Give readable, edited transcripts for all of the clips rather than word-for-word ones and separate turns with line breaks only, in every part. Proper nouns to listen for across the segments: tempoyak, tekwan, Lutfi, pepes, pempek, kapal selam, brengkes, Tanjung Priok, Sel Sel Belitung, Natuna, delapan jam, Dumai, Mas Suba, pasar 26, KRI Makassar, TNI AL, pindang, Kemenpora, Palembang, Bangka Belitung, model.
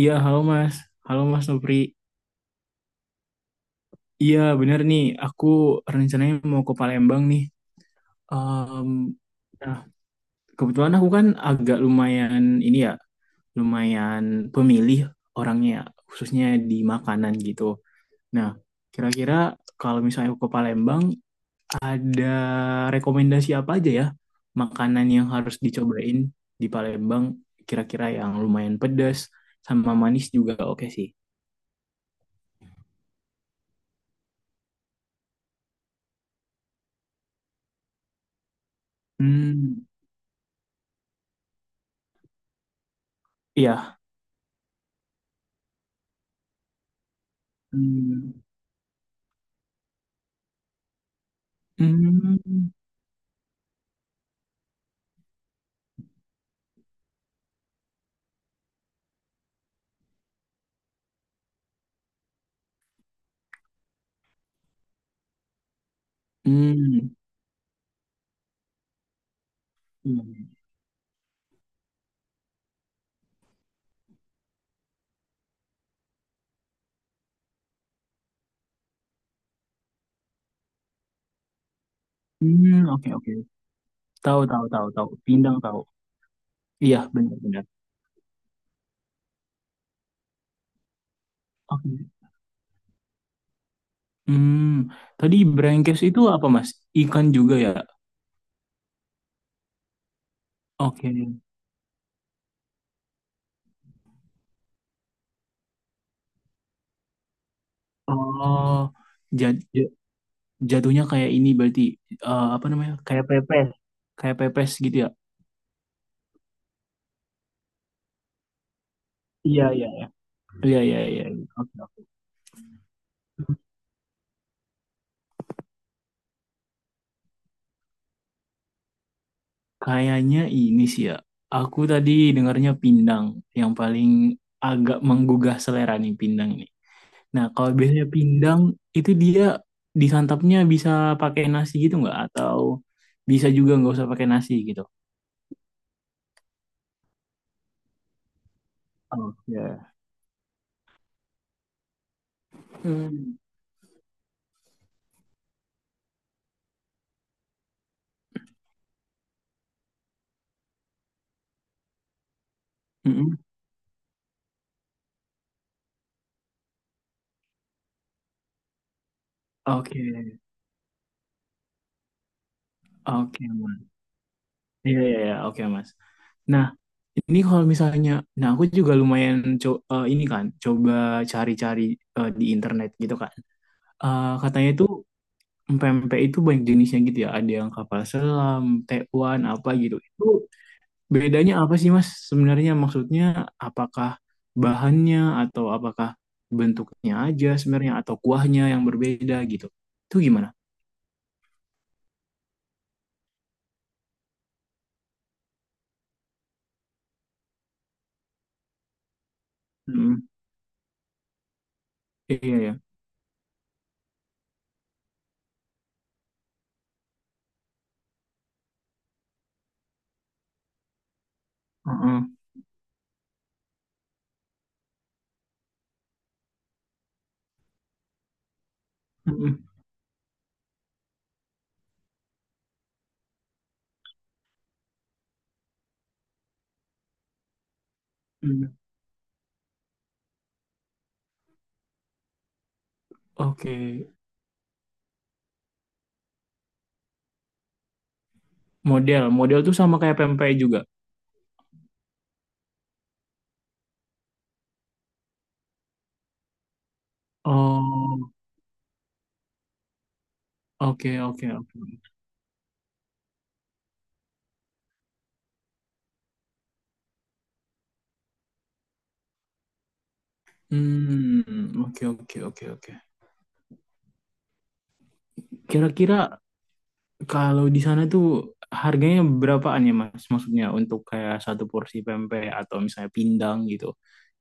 Iya, halo Mas. Halo Mas Nopri. Iya, benar nih. Aku rencananya mau ke Palembang nih. Em, nah, kebetulan aku kan agak lumayan ini ya, lumayan pemilih orangnya, ya, khususnya di makanan gitu. Nah, kira-kira kalau misalnya aku ke Palembang, ada rekomendasi apa aja ya makanan yang harus dicobain di Palembang? Kira-kira yang lumayan pedas sama manis juga oke sih. Hmm, iya. Hmm. Hmm, hmm, hmm, hmm, oke oke. Tahu tahu tahu tahu. Pindang tahu. Iya benar benar. Oke. Hmm, Tadi brengkes itu apa, Mas? Ikan juga ya? Oke. Oh, jad- ja- jatuhnya kayak ini berarti, apa namanya? Kayak pepes gitu ya? Iya iya iya. Iya iya iya, iya. Oke oke. Kayaknya ini sih ya. Aku tadi dengarnya pindang yang paling agak menggugah selera nih, pindang. Nah, kalau biasanya pindang itu dia disantapnya bisa pakai nasi gitu nggak? Atau bisa juga nggak usah pakai nasi gitu? Oke. Hmm. Mm-mm. Oke, oke, Mas. Iya, iya, iya, oke, Mas. Nah, ini kalau misalnya, nah aku juga lumayan ini kan, coba cari-cari di internet gitu kan. Katanya itu pempek itu banyak jenisnya gitu ya, ada yang kapal selam, tekwan, apa gitu. Itu, bedanya apa sih, Mas? Sebenarnya maksudnya apakah bahannya atau apakah bentuknya aja sebenarnya atau kuahnya yang berbeda gitu. Itu gimana? Mm. Iya ya. Heeh. Mm-mm. Mm. Oke. Model, model tuh sama kayak pempek juga. Oh, oke oke oke. Hmm, oke oke oke oke. Kira-kira, kalau di sana tuh harganya berapaan ya, Mas? Maksudnya untuk kayak satu porsi pempek atau misalnya pindang gitu.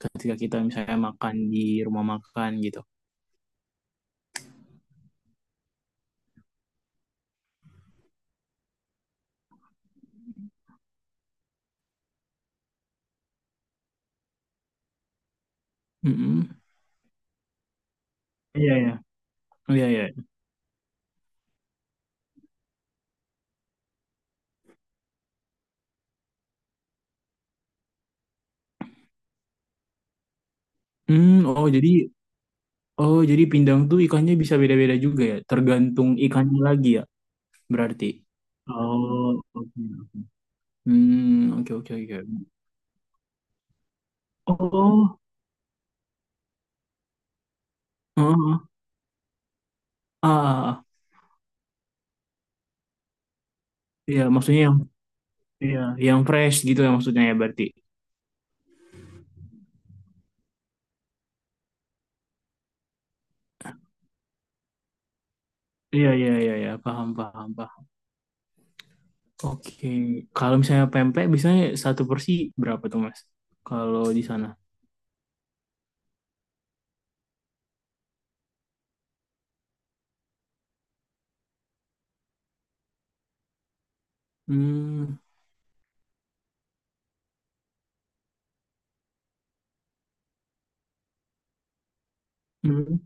Ketika kita misalnya makan di rumah makan gitu. Mm-mm. Iya ya. Iya iya. Hmm, oh jadi oh jadi pindang tuh ikannya bisa beda-beda juga ya, tergantung ikannya lagi ya berarti. Oh, oke. Hmm, oke oke oke. Oh, heeh. Ah, ah, ah. Iya, maksudnya yang, iya, yang fresh gitu ya maksudnya ya berarti. Iya iya iya iya, paham paham paham. Oke, kalau misalnya pempek biasanya satu porsi berapa tuh, Mas? Kalau di sana? Hmm, hmm,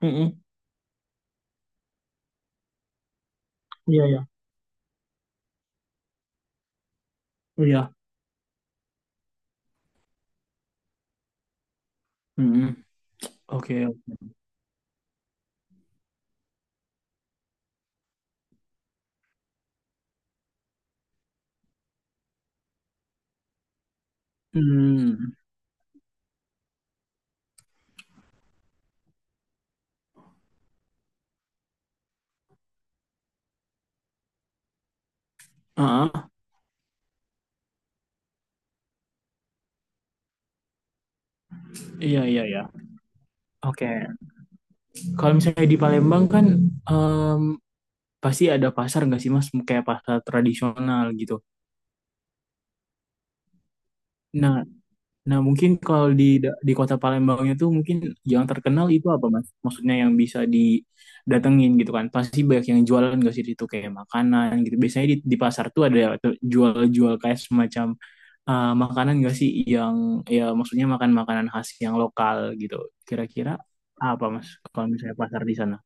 hmm, iya iya, iya, hmm, oke, hmm, ah, iya iya iya, oke. Kalau misalnya di Palembang kan, em, pasti ada pasar nggak sih, Mas? Kayak pasar tradisional gitu. Nah, Nah, mungkin kalau di di kota Palembangnya tuh mungkin yang terkenal itu apa, Mas? Maksudnya yang bisa didatengin gitu kan. Pasti banyak yang jualan gak sih di situ kayak makanan gitu. Biasanya di pasar tuh ada tuh jual-jual kayak semacam makanan gak sih, yang, ya maksudnya makan makanan khas yang lokal gitu. Kira-kira apa, Mas? Kalau misalnya pasar di sana?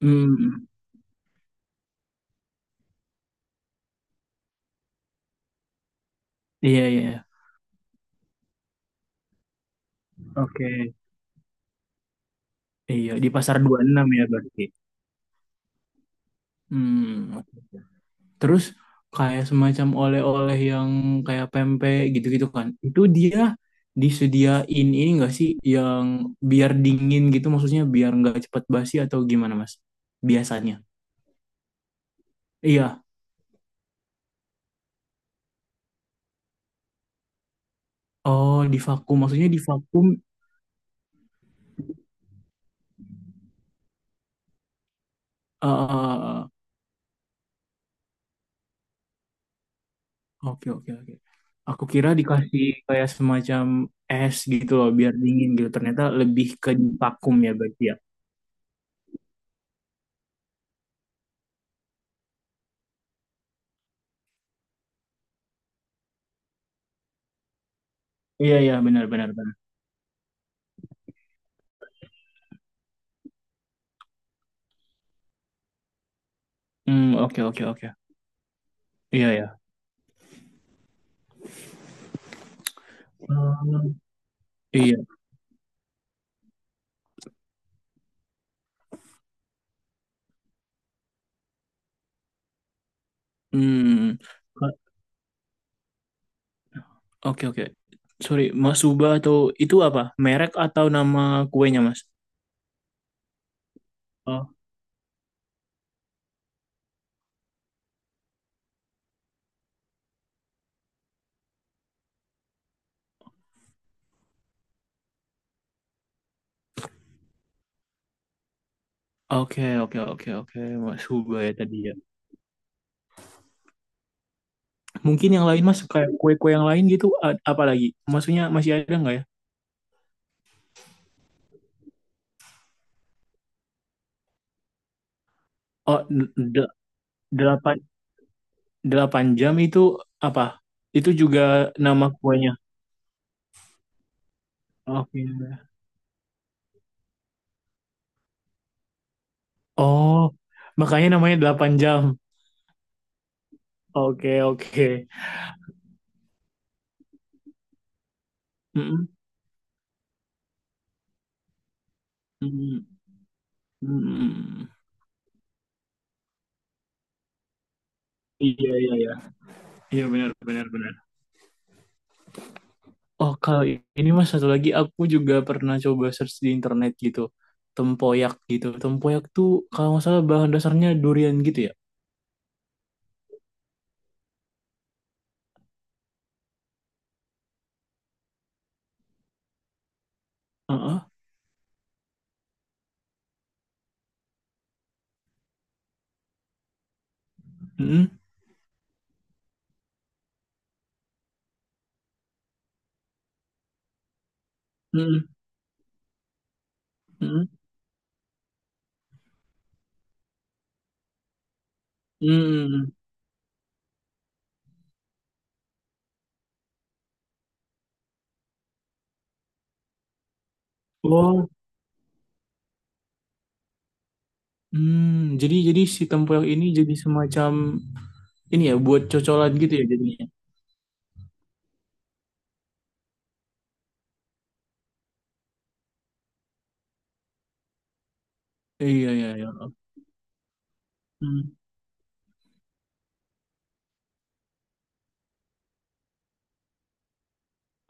Hmm. Iya, iya. Oke. Iya, di pasar 26 ya berarti. Hmm, terus kayak semacam oleh-oleh yang kayak pempek gitu-gitu kan. Itu dia disediain ini enggak sih, yang biar dingin gitu maksudnya biar nggak cepat basi atau gimana, Mas? Biasanya. Iya. Oh, di vakum. Maksudnya di vakum. Eh, eh, eh, eh. Oke, oke, oke. Aku kira dikasih kayak semacam es gitu loh biar dingin gitu. Ternyata lebih ke di vakum ya berarti ya. Iya, iya, benar, benar, benar. Hmm, oke, oke, oke. Iya, iya. Hmm, iya, hmm, Ba- oke oke. Sorry, Mas Suba atau itu apa? Merek atau nama kuenya, Mas? Oh, oke, oke, oke, oke, Mas Suba ya tadi ya. Mungkin yang lain, Mas, kayak kue-kue yang lain gitu, apa lagi? Maksudnya masih ada nggak ya? Oh, delapan, delapan jam itu apa? Itu juga nama kuenya. Oke. Oh, makanya namanya delapan jam. Oke, oke. Mm-mm, mm-mm, mm-mm. Iya, iya, iya. Iya, benar, benar, benar. Oh, kalau ini, Mas, satu lagi aku juga pernah coba search di internet gitu. Tempoyak gitu. Tempoyak tuh kalau nggak salah bahan dasarnya durian gitu ya. Heeh. Mm-mm. Mm-mm. Mm-mm. Mm-mm. Oh, hmm. Jadi si tempoyak ini jadi semacam ini ya buat cocolan gitu ya jadinya. Iya iya iya. Hmm.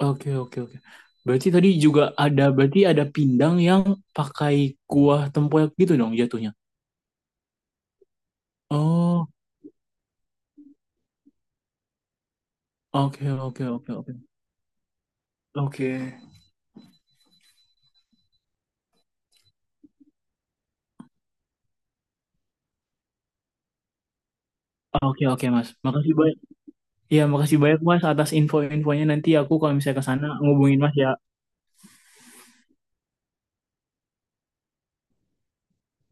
Oke oke oke. Berarti tadi juga ada, berarti ada pindang yang pakai kuah tempoyak gitu dong jatuhnya. Oh, oke oke oke oke. Oke. Oh, oke oke, Mas, makasih banyak. Iya makasih banyak, Mas, atas info-infonya. Nanti aku kalau misalnya ke sana ngubungin Mas ya.